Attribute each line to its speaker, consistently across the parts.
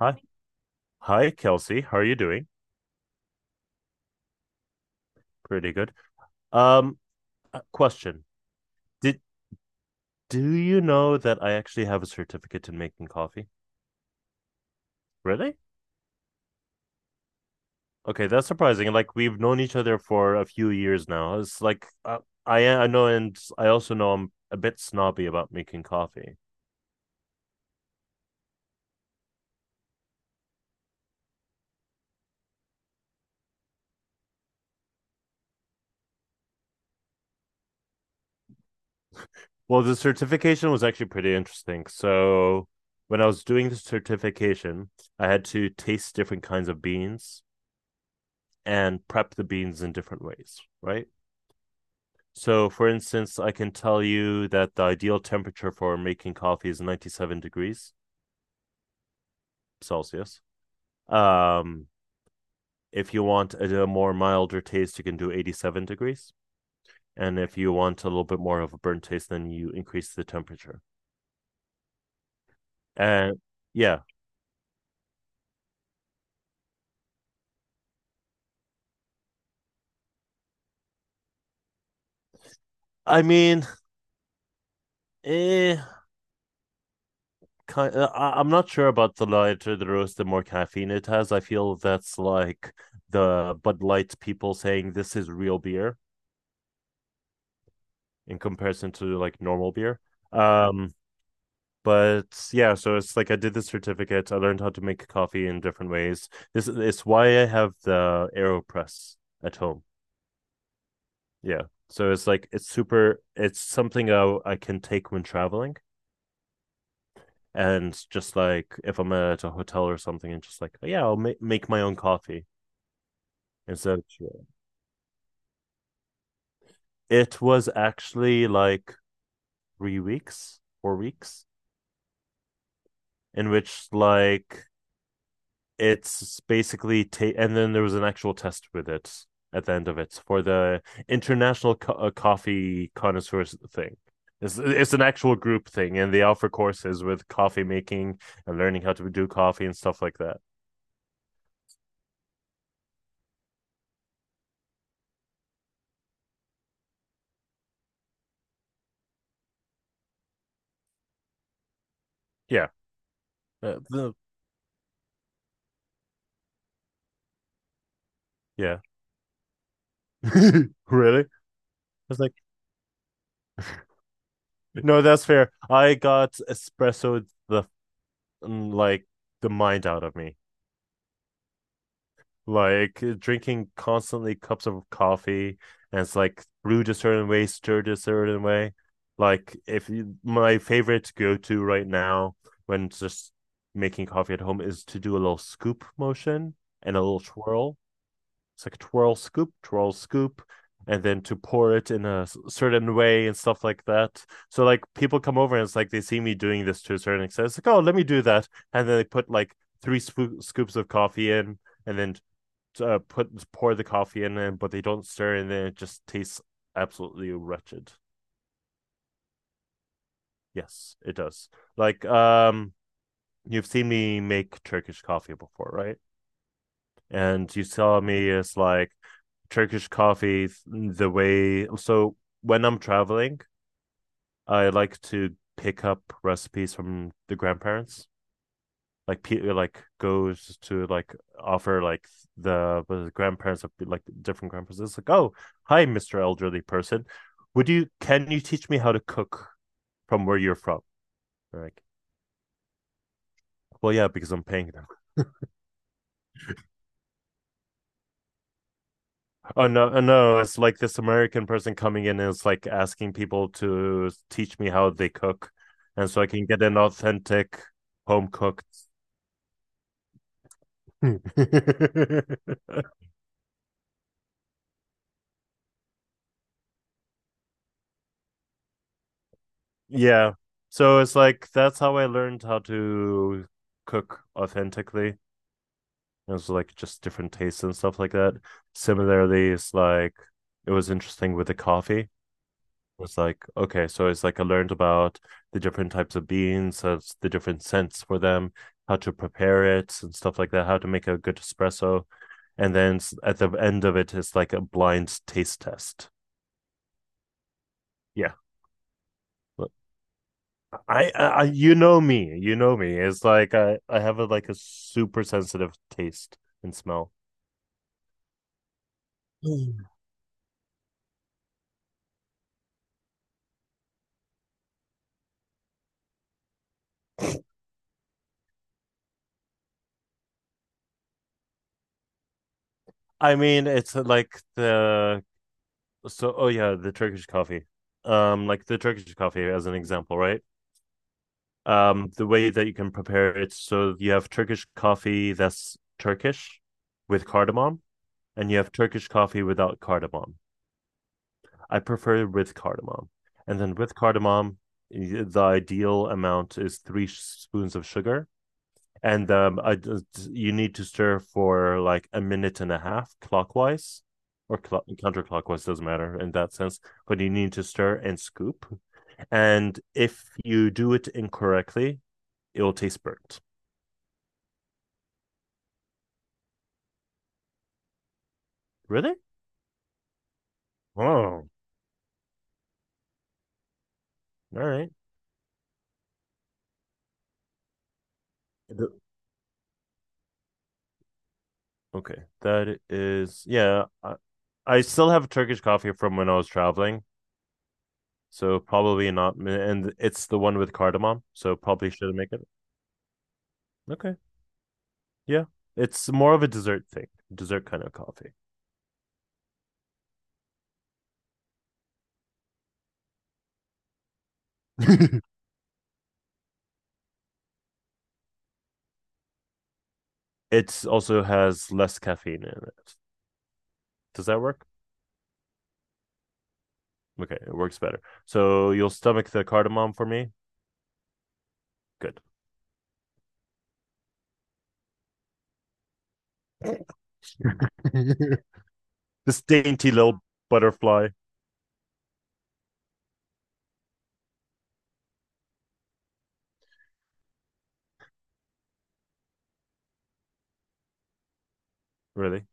Speaker 1: Hi. Hi, Kelsey. How are you doing? Pretty good. Um, Question. Did do you know that I actually have a certificate in making coffee? Really? Okay, that's surprising. Like we've known each other for a few years now. It's like I know, and I also know I'm a bit snobby about making coffee. Well, the certification was actually pretty interesting. So when I was doing the certification, I had to taste different kinds of beans and prep the beans in different ways, right? So, for instance, I can tell you that the ideal temperature for making coffee is 97 degrees Celsius. Um, if you want a more milder taste, you can do 87 degrees. And if you want a little bit more of a burnt taste, then you increase the temperature. And yeah, I mean, eh, I'm not sure about the lighter the roast, the more caffeine it has. I feel that's like the Bud Light people saying this is real beer in comparison to like normal beer. Um, but yeah, so it's like I did the certificate, I learned how to make coffee in different ways. This it's why I have the AeroPress at home. Yeah, so it's like it's super, it's something I can take when traveling, and just like if I'm at a hotel or something, and just like yeah I'll make my own coffee instead of chai. It was actually like 3 weeks, 4 weeks, in which like it's basically and then there was an actual test with it at the end of it for the international coffee connoisseurs thing. It's an actual group thing, and they offer courses with coffee making and learning how to do coffee and stuff like that. Yeah, uh, the- yeah, really. I was like, no, that's fair. I got espresso the mm, like the mind out of me. Like drinking constantly cups of coffee, and it's like brewed a certain way, stirred a certain way. Like if you, my favorite go to right now when just making coffee at home is to do a little scoop motion and a little twirl. It's like twirl scoop, and then to pour it in a certain way and stuff like that. So like people come over, and it's like they see me doing this to a certain extent. It's like, oh, let me do that, and then they put like three scoops of coffee in, and then put pour the coffee in it, but they don't stir, and then it just tastes absolutely wretched. Yes, it does. Like you've seen me make Turkish coffee before, right? And you saw me as like Turkish coffee the way. So when I'm traveling, I like to pick up recipes from the grandparents, like Peter like goes to like offer like the grandparents of like different grandparents. It's like, oh, hi, Mister Elderly person. Would you can you teach me how to cook from where you're from? They're like, well, yeah, because I'm paying them. Oh no, oh, no, it's like this American person coming in, and it's like asking people to teach me how they cook, and so I can get an authentic home cooked Yeah. So it's like that's how I learned how to cook authentically. It was like just different tastes and stuff like that. Similarly, it's like it was interesting with the coffee. It was like, okay, so it's like I learned about the different types of beans, the different scents for them, how to prepare it and stuff like that, how to make a good espresso. And then at the end of it, it's like a blind taste test. Yeah. You know me, you know me. It's like I have a like a super sensitive taste and smell. Mm. I mean, it's like the so, oh yeah, the Turkish coffee. Like the Turkish coffee as an example, right? The way that you can prepare it, so you have Turkish coffee that's Turkish with cardamom, and you have Turkish coffee without cardamom. I prefer with cardamom, and then with cardamom, the ideal amount is three spoons of sugar, and you need to stir for like a minute and a half, clockwise or counterclockwise doesn't matter in that sense, but you need to stir and scoop, and if you do it incorrectly, it will taste burnt. Really? Oh, all right. Okay, that is, yeah, I still have Turkish coffee from when I was traveling, so probably not, and it's the one with cardamom, so probably shouldn't make it. Okay, yeah, it's more of a dessert thing, dessert kind of coffee. It also has less caffeine in it. Does that work? Okay, it works better. So you'll stomach the cardamom for me. Good. This dainty little butterfly, really.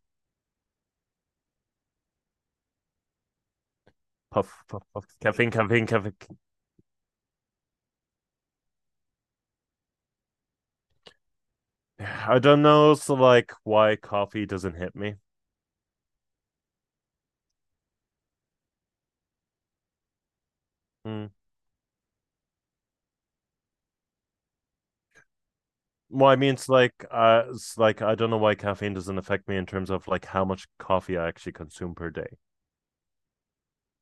Speaker 1: Puff, puff, puff. Caffeine, caffeine, caffeine. I don't know. So, like, why coffee doesn't hit me? Hmm. Well, I mean, it's like I don't know why caffeine doesn't affect me in terms of like how much coffee I actually consume per day.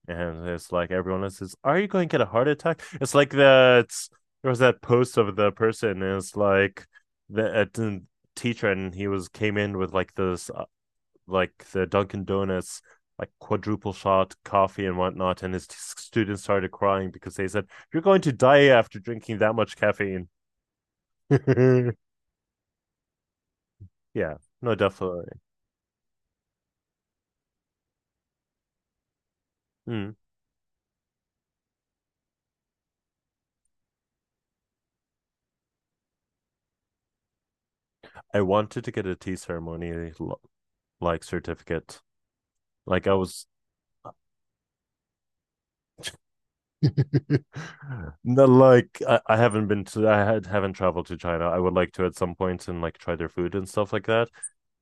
Speaker 1: And it's like everyone else says, "Are you going to get a heart attack?" It's like that. There was that post of the person. And it's like the teacher, and he was came in with like this, like the Dunkin' Donuts, like quadruple shot coffee and whatnot, and his students started crying because they said, "You're going to die after drinking that much caffeine." Yeah, no, definitely. Mm. I wanted to get a tea ceremony, like, certificate. Like I was no, like I haven't been to I had, haven't traveled to China. I would like to at some point and like try their food and stuff like that.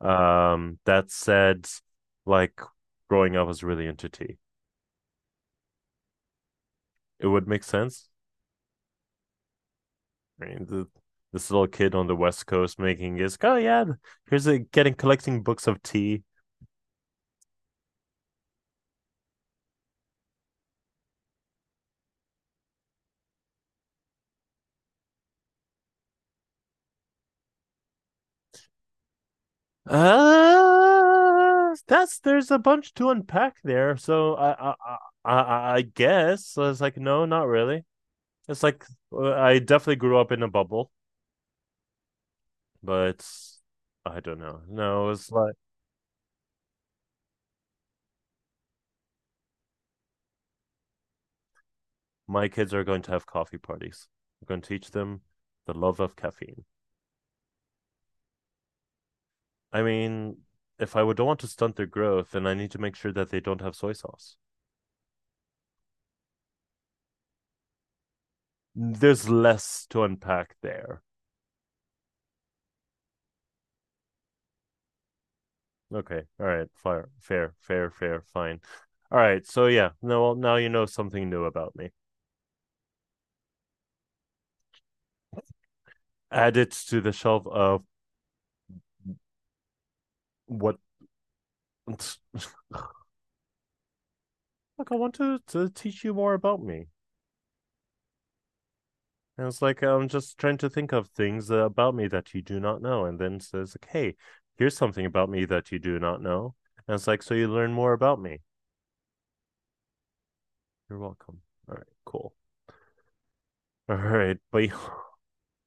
Speaker 1: That said, like growing up I was really into tea. It would make sense. I mean, this little kid on the West Coast making his oh yeah, here's a getting collecting books of tea. That's there's a bunch to unpack there. So I guess I was like, no, not really. It's like I definitely grew up in a bubble, but I don't know. No, it's like my kids are going to have coffee parties. I'm going to teach them the love of caffeine. I mean, if I would don't want to stunt their growth, then I need to make sure that they don't have soy sauce. There's less to unpack there. Okay. All right. Fair, fair, fair, fair, fine. All right. So yeah, no, well, now you know something new about me. Add it to the shelf of what. Look, I want to teach you more about me. And it's like I'm just trying to think of things about me that you do not know, and then says like, "Hey, here's something about me that you do not know." And it's like, so you learn more about me. You're welcome. All right, cool. All right, but